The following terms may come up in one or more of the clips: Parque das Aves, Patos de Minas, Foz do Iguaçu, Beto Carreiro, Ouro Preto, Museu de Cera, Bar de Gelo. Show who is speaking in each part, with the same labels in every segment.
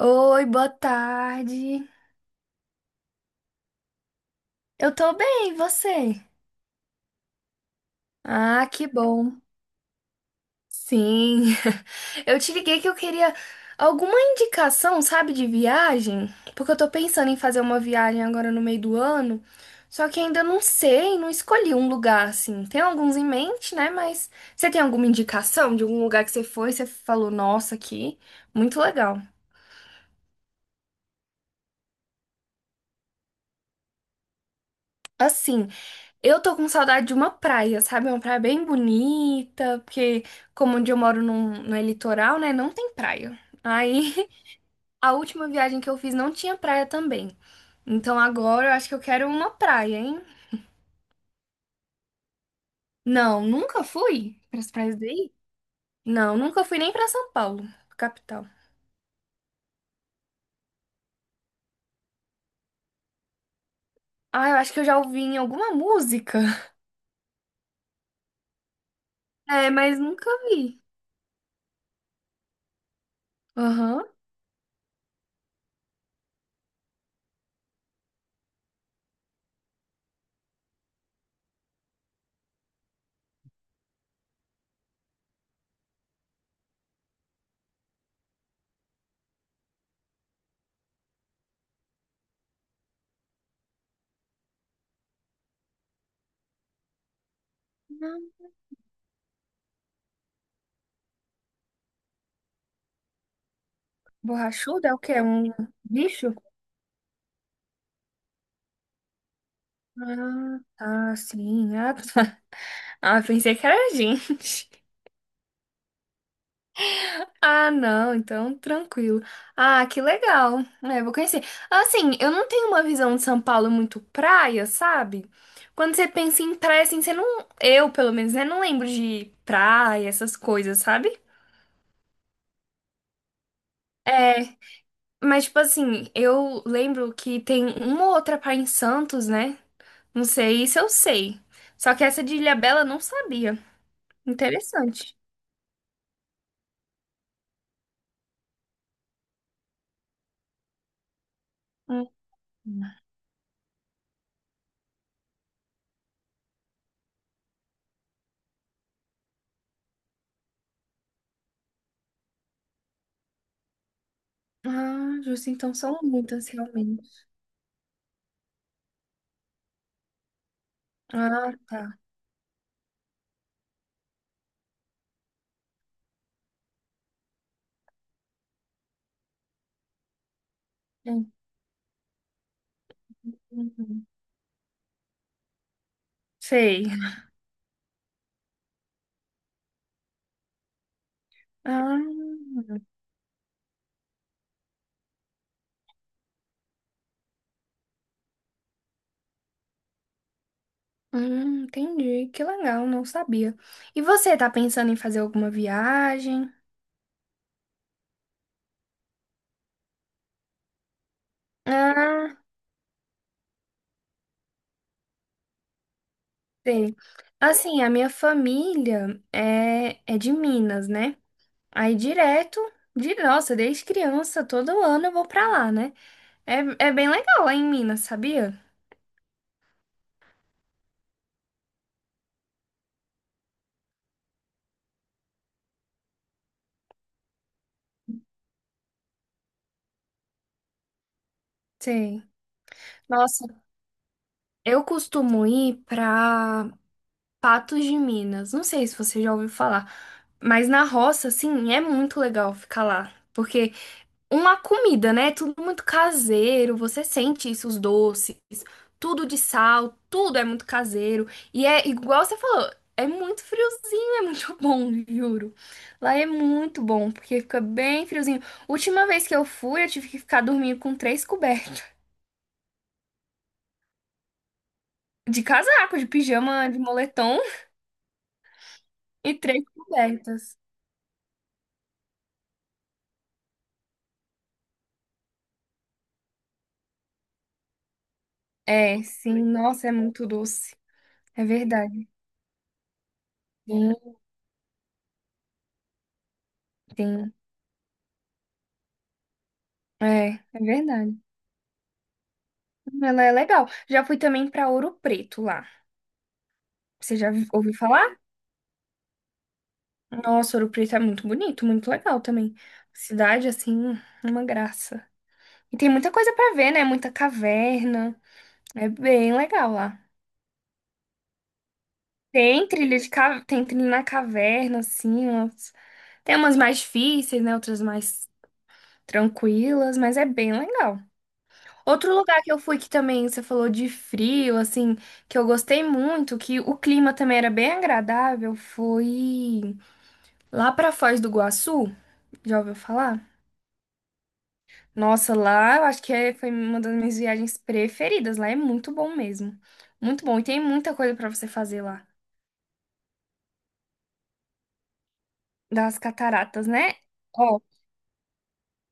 Speaker 1: Oi, boa tarde. Eu tô bem, e você? Ah, que bom. Sim. Eu te liguei que eu queria alguma indicação, sabe, de viagem? Porque eu tô pensando em fazer uma viagem agora no meio do ano, só que ainda não sei, não escolhi um lugar assim. Tem alguns em mente, né? Mas você tem alguma indicação de algum lugar que você foi, você falou, nossa, aqui, muito legal. Assim, eu tô com saudade de uma praia, sabe? É uma praia bem bonita, porque como onde eu moro não é litoral, né? Não tem praia. Aí a última viagem que eu fiz não tinha praia também. Então agora eu acho que eu quero uma praia, hein? Não, nunca fui para as praias daí? Não, nunca fui nem pra São Paulo, capital. Ah, eu acho que eu já ouvi em alguma música. É, mas nunca vi. Aham. Não. Borrachuda é o quê? É um bicho? Ah, tá, sim. Ah, tá. Ah, pensei que era a gente. Ah, não, então tranquilo. Ah, que legal. É, vou conhecer. Assim, eu não tenho uma visão de São Paulo muito praia, sabe? Quando você pensa em praia, assim, você não. Eu, pelo menos, né, não lembro de praia, essas coisas, sabe? É, mas, tipo assim, eu lembro que tem uma ou outra praia em Santos, né? Não sei, isso eu sei. Só que essa de Ilhabela eu não sabia. Interessante. Hum. Ah, justo, então são muitas, realmente. Ah, tá. Uhum. Sei. Ah, entendi. Que legal, não sabia. E você tá pensando em fazer alguma viagem? Ah, sei. Assim, a minha família é de Minas, né? Aí direto, de nossa, desde criança, todo ano eu vou pra lá, né? É, é bem legal lá em Minas, sabia? Sei. Nossa, eu costumo ir pra Patos de Minas. Não sei se você já ouviu falar, mas na roça, assim, é muito legal ficar lá. Porque uma comida, né? É tudo muito caseiro, você sente isso, os doces, tudo de sal, tudo é muito caseiro. E é igual você falou, é muito friozinho, é muito bom, juro. Lá é muito bom, porque fica bem friozinho. Última vez que eu fui, eu tive que ficar dormindo com três cobertas. De casaco, de pijama, de moletom e três cobertas. É, sim, nossa, é muito doce. É verdade. Sim, sim. É, é verdade. Ela é legal. Já fui também pra Ouro Preto lá. Você já ouviu falar? Nossa, Ouro Preto é muito bonito, muito legal também. Cidade, assim, uma graça. E tem muita coisa pra ver, né? Muita caverna. É bem legal lá. Tem trilha na caverna, assim, tem umas mais difíceis, né? Outras mais tranquilas, mas é bem legal. Outro lugar que eu fui que também você falou de frio, assim, que eu gostei muito, que o clima também era bem agradável, foi lá pra Foz do Iguaçu. Já ouviu falar? Nossa, lá eu acho que foi uma das minhas viagens preferidas. Lá é muito bom mesmo. Muito bom. E tem muita coisa pra você fazer lá. Das cataratas, né?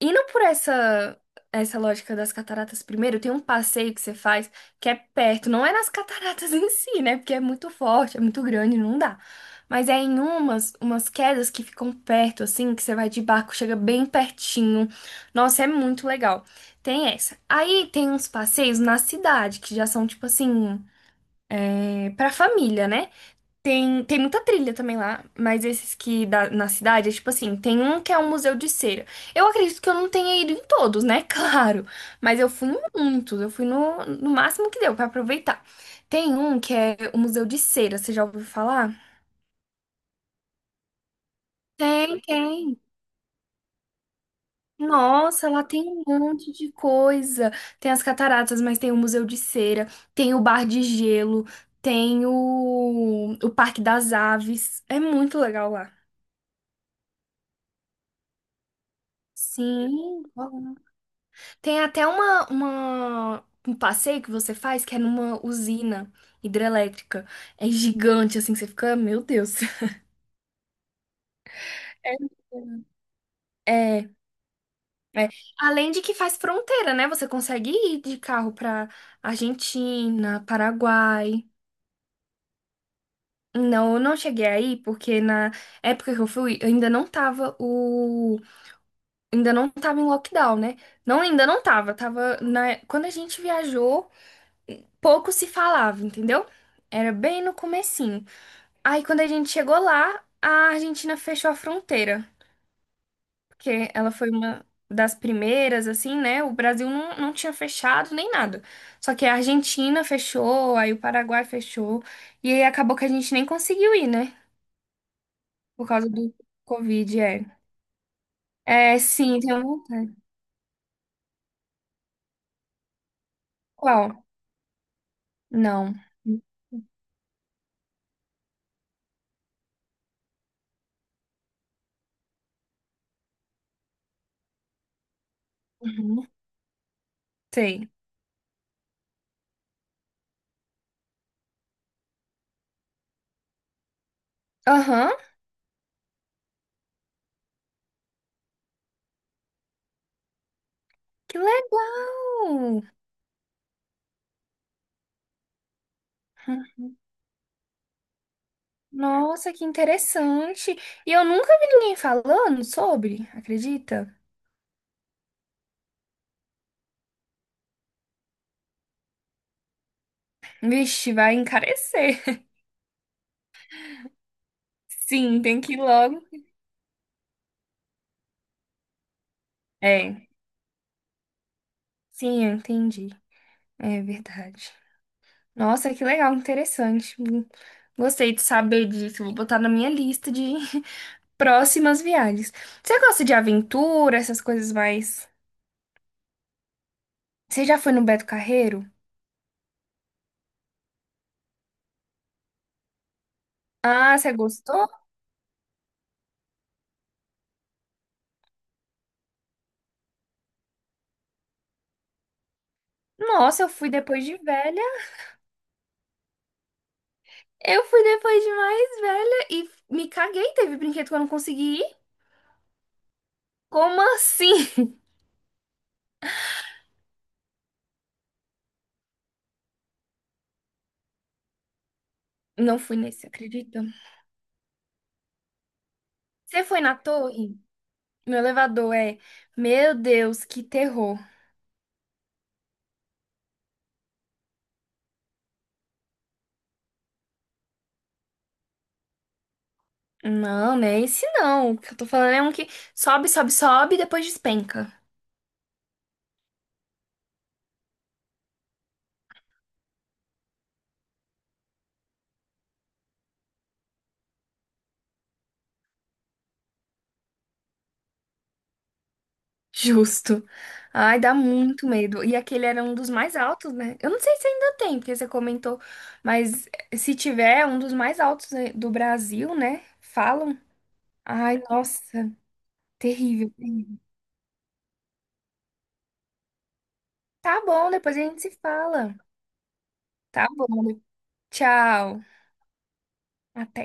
Speaker 1: Indo por essa lógica das cataratas primeiro, tem um passeio que você faz que é perto, não é nas cataratas em si, né? Porque é muito forte, é muito grande, não dá. Mas é em umas quedas que ficam perto assim, que você vai de barco, chega bem pertinho. Nossa, é muito legal. Tem essa. Aí tem uns passeios na cidade que já são tipo assim, é, pra família, né? Tem muita trilha também lá, mas esses que da, na cidade, é tipo assim, tem um que é um museu de cera. Eu acredito que eu não tenha ido em todos, né? Claro. Mas eu fui em muitos, eu fui no máximo que deu pra aproveitar. Tem um que é o Museu de Cera, você já ouviu falar? Tem, tem. Nossa, lá tem um monte de coisa. Tem as cataratas, mas tem o Museu de Cera, tem o Bar de Gelo, tem o Parque das Aves. É muito legal lá. Sim, tem até um passeio que você faz que é numa usina hidrelétrica. É gigante, assim, que você fica, meu Deus. É, é. É. Além de que faz fronteira, né? Você consegue ir de carro pra Argentina, Paraguai. Não, eu não cheguei aí porque na época que eu fui, ainda não tava o, ainda não tava em lockdown, né? Não, ainda não tava, tava na, quando a gente viajou, pouco se falava, entendeu? Era bem no começo. Aí, quando a gente chegou lá, a Argentina fechou a fronteira, porque ela foi uma das primeiras, assim, né? O Brasil não, não tinha fechado nem nada. Só que a Argentina fechou, aí o Paraguai fechou, e aí acabou que a gente nem conseguiu ir, né? Por causa do Covid, é. É, sim, tenho vontade. Qual? Não. Uhum. Sei. Aham, que legal! Nossa, que interessante! E eu nunca vi ninguém falando sobre, acredita? Vixe, vai encarecer. Sim, tem que ir logo. É. Sim, eu entendi. É verdade. Nossa, que legal, interessante. Gostei de saber disso. Vou botar na minha lista de próximas viagens. Você gosta de aventura, essas coisas mais. Você já foi no Beto Carreiro? Ah, você gostou? Nossa, eu fui depois de velha. Eu fui depois de mais velha e me caguei. Teve brinquedo que eu não consegui ir. Como assim? Não fui nesse, acredita? Você foi na torre? No elevador é, meu Deus, que terror. Não, não é esse não. O que eu tô falando é um que sobe, sobe, sobe e depois despenca. Justo. Ai, dá muito medo. E aquele era um dos mais altos, né? Eu não sei se ainda tem, porque você comentou, mas se tiver, é um dos mais altos né, do Brasil, né? Falam. Ai, nossa, terrível. Terrível. Tá bom, depois a gente se fala. Tá bom, tchau. Até.